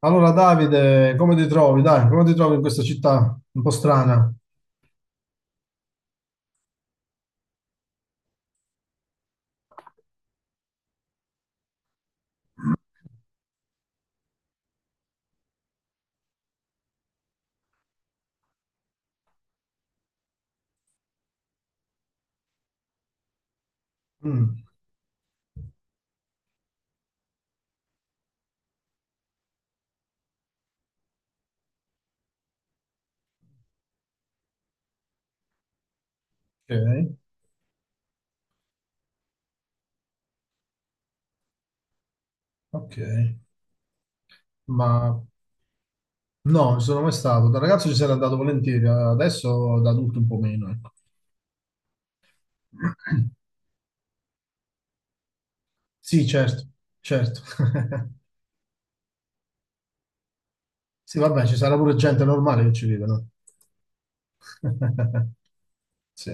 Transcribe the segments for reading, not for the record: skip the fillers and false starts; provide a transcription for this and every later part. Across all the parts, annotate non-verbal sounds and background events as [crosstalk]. Allora, Davide, come ti trovi? Dai, come ti trovi in questa città un po' strana? Mm, ok, ok, ma no, non ci sono mai stato. Da ragazzo ci sarei andato volentieri, adesso da adulto un po' meno, ecco. [clears throat] Sì, certo, certo. [laughs] Sì, vabbè, ci sarà pure gente normale che ci vive, no? [laughs] Sì,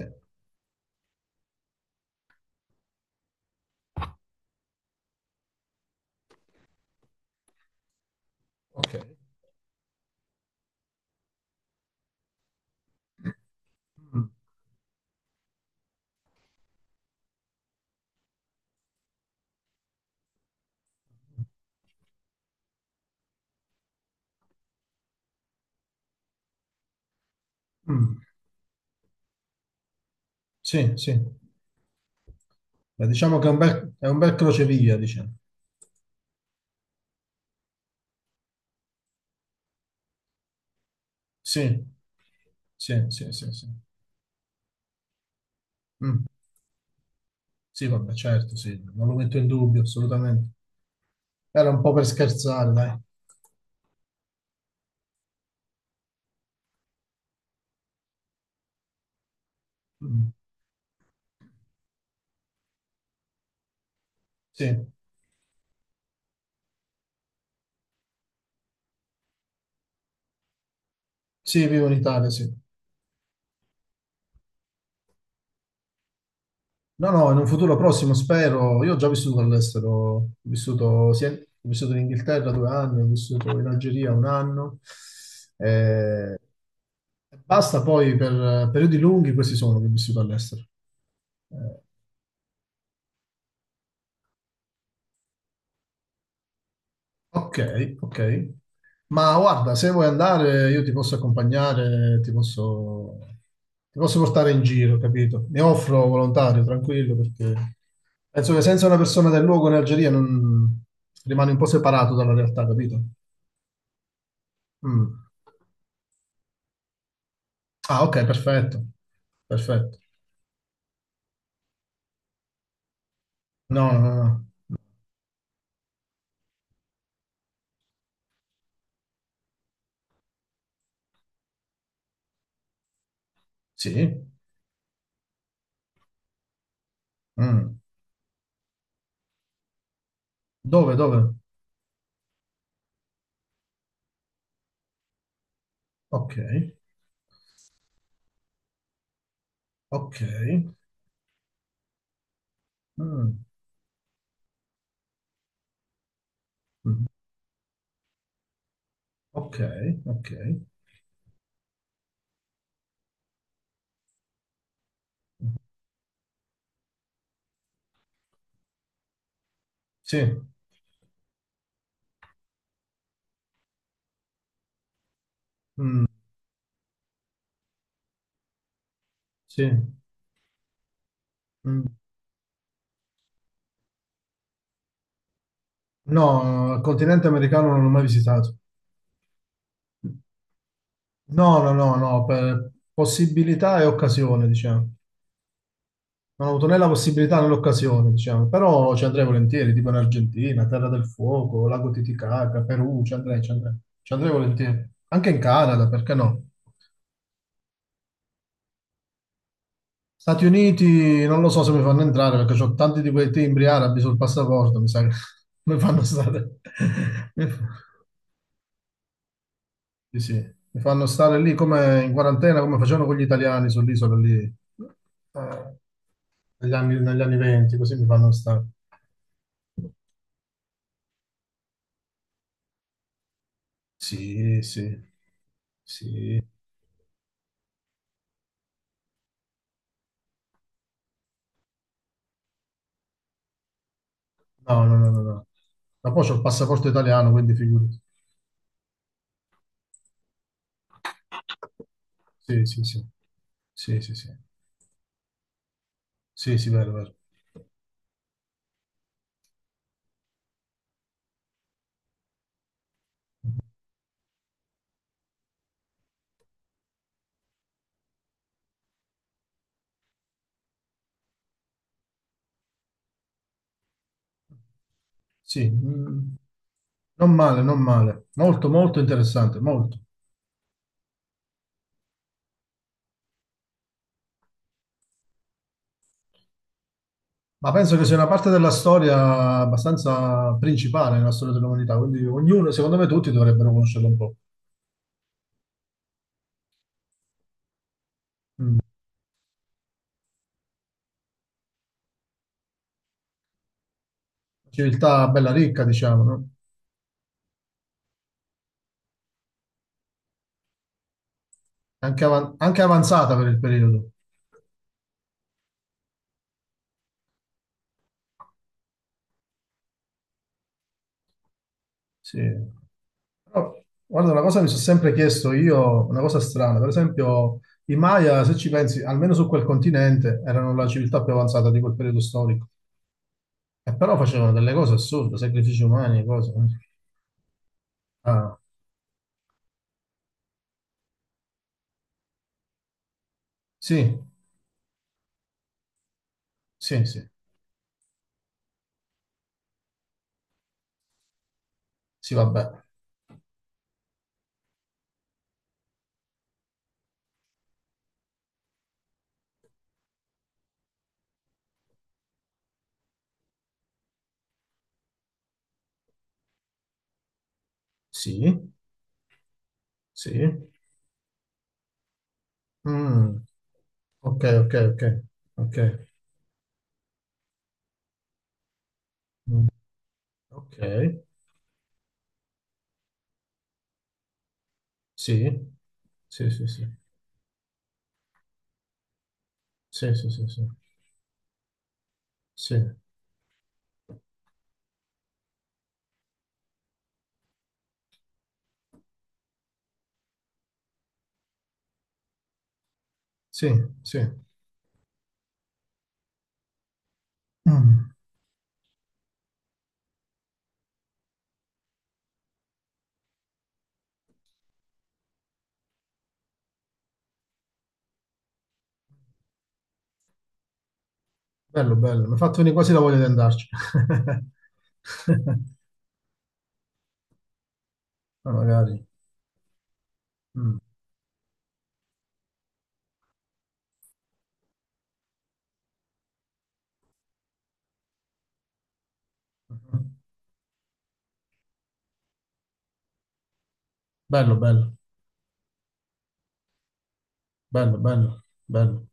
ok. Mm, mm, sì, sì. Beh, diciamo che è un bel crocevia, diciamo. Sì, sì, sì, sì, sì. Mm. Sì, vabbè, certo, sì, non lo metto in dubbio, assolutamente. Era un po' per scherzare, dai. Mm. Sì, sì, vivo in Italia, sì. No, no, in un futuro prossimo spero. Io ho già vissuto all'estero, ho vissuto, ho vissuto in Inghilterra due anni, ho vissuto in Algeria un anno. Eh, basta poi per periodi lunghi, questi sono che ho vissuto all'estero. Eh, Ok, ok. Ma guarda, se vuoi andare, io ti posso accompagnare, ti posso portare in giro, capito? Mi offro volontario, tranquillo, perché penso che senza una persona del luogo in Algeria non... rimani un po' separato dalla realtà, capito? Mm. Ah, ok, perfetto. Perfetto. No, no, no, no. Sì. Mm. Dove, dove? Ok, ok. Mm. Mm. Ok, ok. Mm. Sì. Mm. Sì. Mm, no, il continente americano non l'ho mai visitato. No, no, no, no, per possibilità e occasione, diciamo. Non ho avuto né la possibilità né l'occasione, diciamo, però ci andrei volentieri, tipo in Argentina, Terra del Fuoco, Lago Titicaca, Perù, ci andrei, ci andrei, ci andrei volentieri. Anche in Canada, perché no? Stati Uniti, non lo so se mi fanno entrare perché ho tanti di quei timbri arabi sul passaporto, mi sa che [laughs] mi fanno stare. [laughs] Sì, sì. Mi fanno stare lì come in quarantena, come facevano con gli italiani sull'isola lì, eh, negli anni 20, così mi fanno stare. Sì, sì, sì. No, no, no, no, no. Ma poi c'ho il passaporto italiano, quindi figurati. Sì, sì, sì. Sì, sì, sì. Sì, sì, vero, vero. Sì, mm, non male, non male. Molto, molto interessante, molto. Ma penso che sia una parte della storia abbastanza principale nella storia dell'umanità, quindi ognuno, secondo me tutti dovrebbero conoscerla un po'. Mm. Civiltà bella ricca, diciamo, no? Anche, anche avanzata per il periodo. Sì. Però, guarda, una cosa mi sono sempre chiesto io, una cosa strana, per esempio i Maya, se ci pensi, almeno su quel continente, erano la civiltà più avanzata di quel periodo storico, e però facevano delle cose assurde, sacrifici umani, e cose. Eh. Ah, sì, sì, sì, sì, vabbè. Sì, sì. Mm, ok, ok, ok, ok, mm, ok, sì, sì, sì, sì, sì, sì, sì, sì, sì, sì, sì. Mm, bello, bello, mi ha fatto venire quasi la voglia di andarci. [laughs] Ma magari. Mm, mhm. Bello, bello, bello, bello, bello,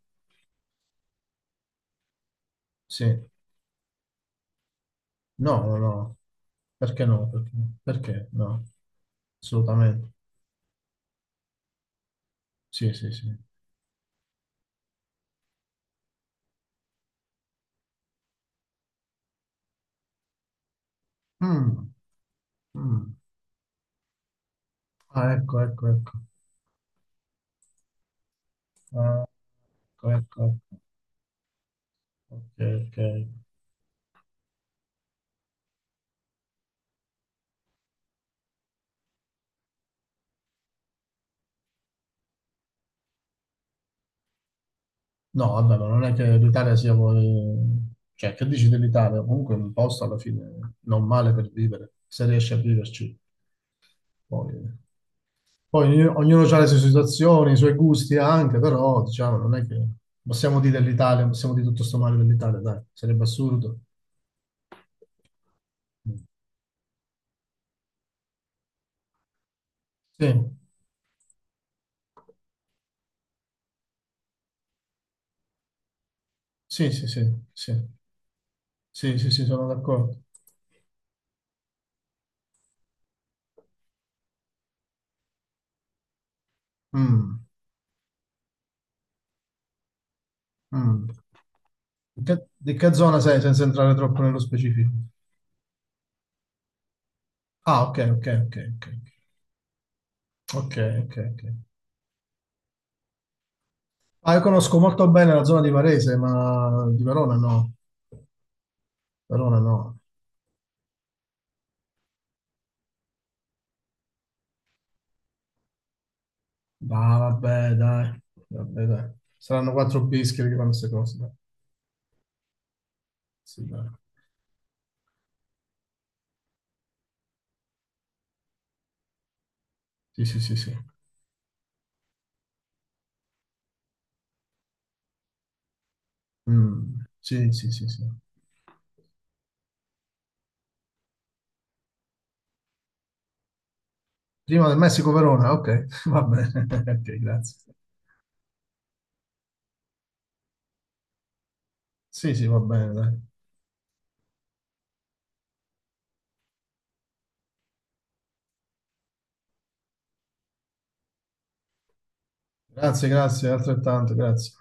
sì. No, no, no, perché no? Perché, perché no? Assolutamente, sì, sì, sì. Mm, mm. Ah, ecco, ecco, ecco. Ah, ecco, ecco, ecco. Ok, ok. No, vabbè, ma non è che l'Italia sia... cioè, che dici dell'Italia? Comunque è un posto alla fine non male per vivere, se riesci a viverci. Poi, poi ognuno ha le sue situazioni, i suoi gusti anche, però diciamo, non è che possiamo dire dell'Italia, possiamo dire tutto sto male dell'Italia, dai, sarebbe assurdo. Sì, sì, sì, sì, sì, sì, sì, sì, sono d'accordo. Mm, mm. Di che zona sei senza entrare troppo nello specifico? Ah, ok, ok, ok, ok, ok, ok, ok. Ah, io conosco molto bene la zona di Varese, ma di Verona no. Verona no. Ah, vabbè, dai. Vabbè, dai. Saranno quattro bischi che fanno queste cose, dai. Sì, dai. Sì, sì, sì, sì. Mm, sì, sì, sì, sì. Prima del Messico-Verona, ok. [laughs] Va bene. [laughs] Ok, grazie. Sì, sì, va bene, dai. Grazie, grazie, altrettanto, grazie.